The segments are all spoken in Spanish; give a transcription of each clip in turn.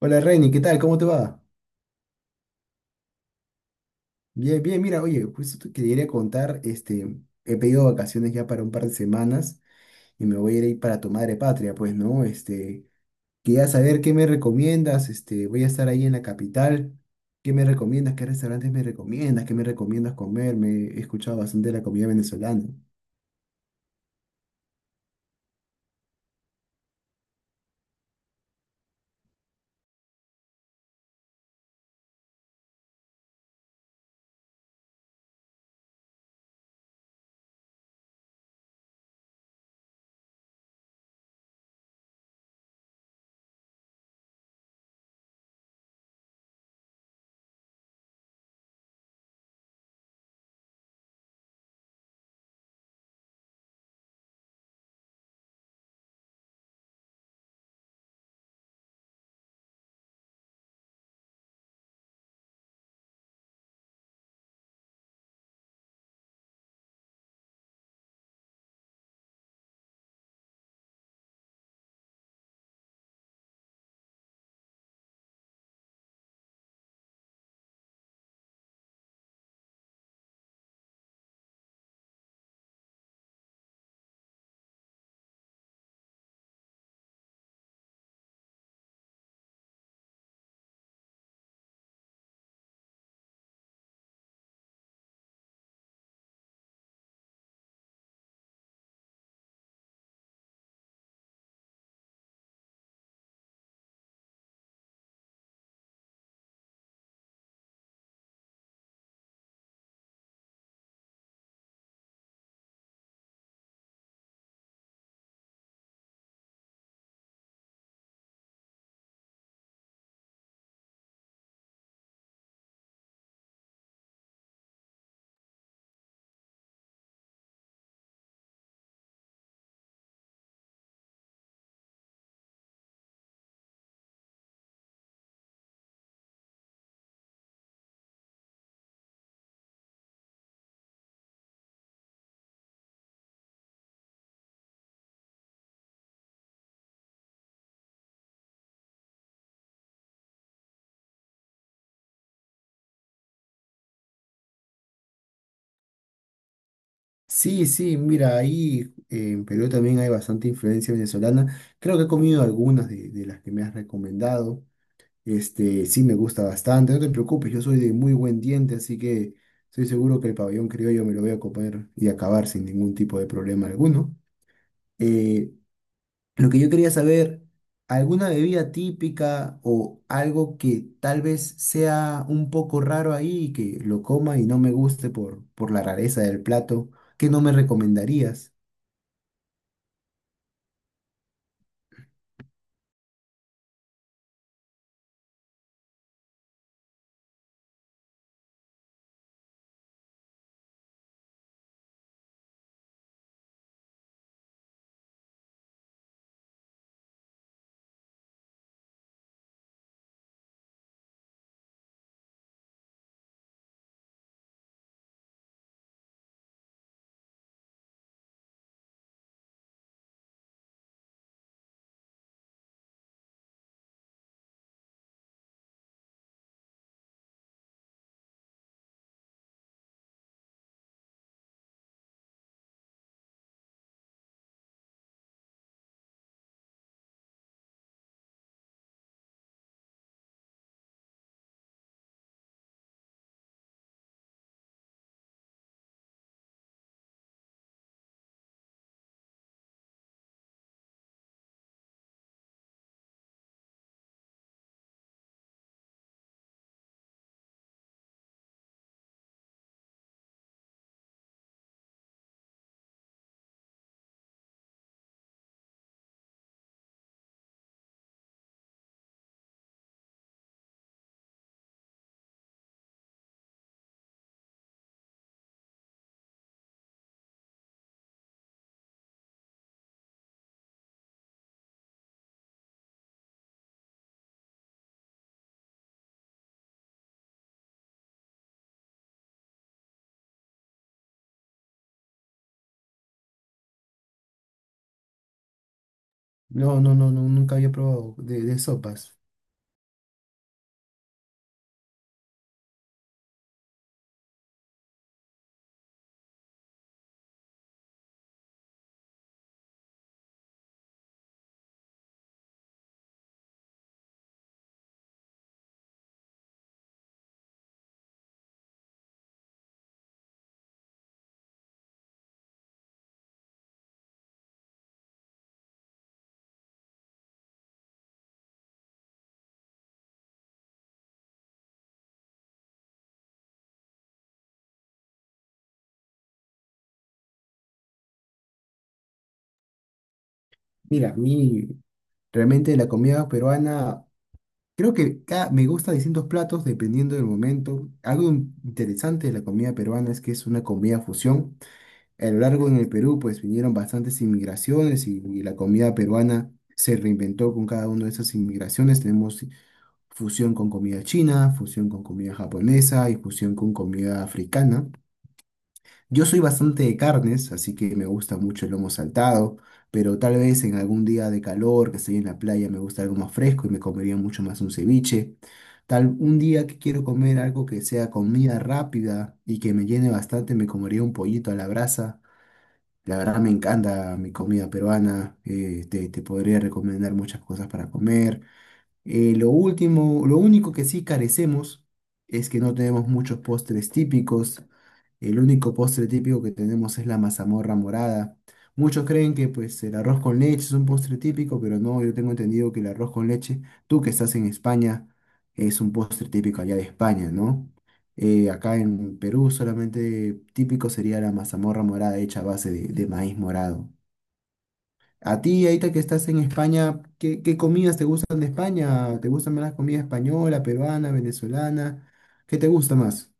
Hola Reini, ¿qué tal? ¿Cómo te va? Bien, bien, mira, oye, justo te quería contar, he pedido vacaciones ya para un par de semanas y me voy a ir ahí para tu madre patria, pues, ¿no? Quería saber qué me recomiendas, voy a estar ahí en la capital. ¿Qué me recomiendas? ¿Qué restaurantes me recomiendas? ¿Qué me recomiendas comer? Me he escuchado bastante de la comida venezolana. Sí, sí, mira, ahí en Perú también hay bastante influencia venezolana. Creo que he comido algunas de las que me has recomendado. Sí me gusta bastante, no te preocupes, yo soy de muy buen diente, así que estoy seguro que el pabellón criollo me lo voy a comer y acabar sin ningún tipo de problema alguno. Eh, lo que yo quería saber, ¿alguna bebida típica o algo que tal vez sea un poco raro ahí y que lo coma y no me guste por la rareza del plato? ¿Qué no me recomendarías? No, no, no, no, nunca había probado de sopas. Mira, a mí realmente la comida peruana. Creo que me gusta distintos platos dependiendo del momento. Algo interesante de la comida peruana es que es una comida fusión. A lo largo en el Perú, pues vinieron bastantes inmigraciones y la comida peruana se reinventó con cada una de esas inmigraciones. Tenemos fusión con comida china, fusión con comida japonesa y fusión con comida africana. Yo soy bastante de carnes, así que me gusta mucho el lomo saltado, pero tal vez en algún día de calor, que estoy en la playa, me gusta algo más fresco y me comería mucho más un ceviche. Tal un día que quiero comer algo que sea comida rápida y que me llene bastante, me comería un pollito a la brasa. La verdad me encanta mi comida peruana. Te podría recomendar muchas cosas para comer. Lo único que sí carecemos es que no tenemos muchos postres típicos. El único postre típico que tenemos es la mazamorra morada. Muchos creen que pues el arroz con leche es un postre típico, pero no, yo tengo entendido que el arroz con leche, tú que estás en España, es un postre típico allá de España, ¿no? Acá en Perú solamente típico sería la mazamorra morada hecha a base de maíz morado. A ti, ahorita que estás en España, ¿qué, qué comidas te gustan de España? ¿Te gustan más la comida española, peruana, venezolana? ¿Qué te gusta más?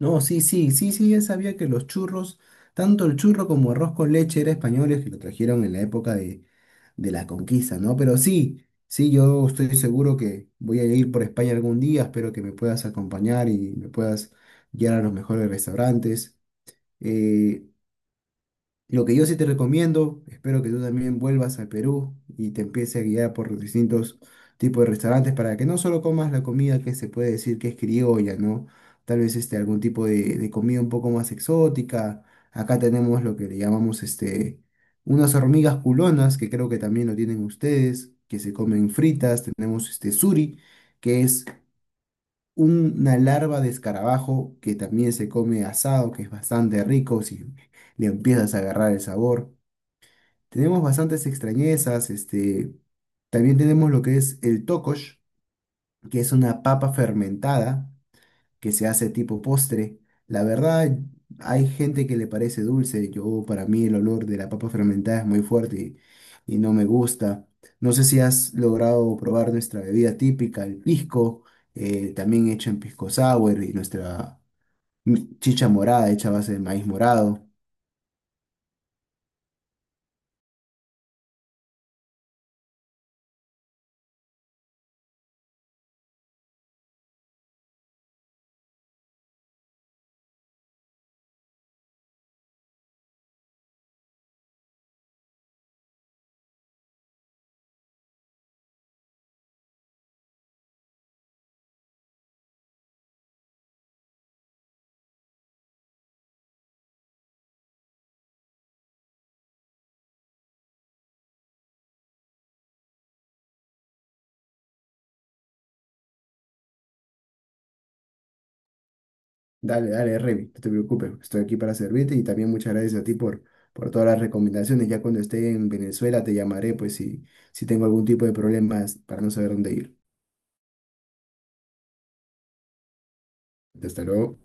No, sí, sí, sí, sí, ya sabía que los churros, tanto el churro como arroz con leche era españoles que lo trajeron en la época de la conquista, ¿no? Pero sí, sí, yo estoy seguro que voy a ir por España algún día, espero que me puedas acompañar y me puedas guiar a los mejores restaurantes. Eh, Lo que yo sí te recomiendo, espero que tú también vuelvas al Perú y te empieces a guiar por los distintos tipos de restaurantes para que no solo comas la comida que se puede decir que es criolla, ¿no? Tal vez algún tipo de comida un poco más exótica. Acá tenemos lo que le llamamos unas hormigas culonas, que creo que también lo tienen ustedes, que se comen fritas. Tenemos este suri, que es una larva de escarabajo que también se come asado, que es bastante rico si le empiezas a agarrar el sabor. Tenemos bastantes extrañezas. También tenemos lo que es el tocosh, que es una papa fermentada que se hace tipo postre. La verdad, hay gente que le parece dulce, yo para mí el olor de la papa fermentada es muy fuerte y no me gusta. No sé si has logrado probar nuestra bebida típica, el pisco, también hecho en pisco sour y nuestra chicha morada hecha a base de maíz morado. Dale, dale, Remy, no te preocupes, estoy aquí para servirte y también muchas gracias a ti por todas las recomendaciones. Ya cuando esté en Venezuela te llamaré, pues si tengo algún tipo de problemas para no saber dónde ir. Hasta luego.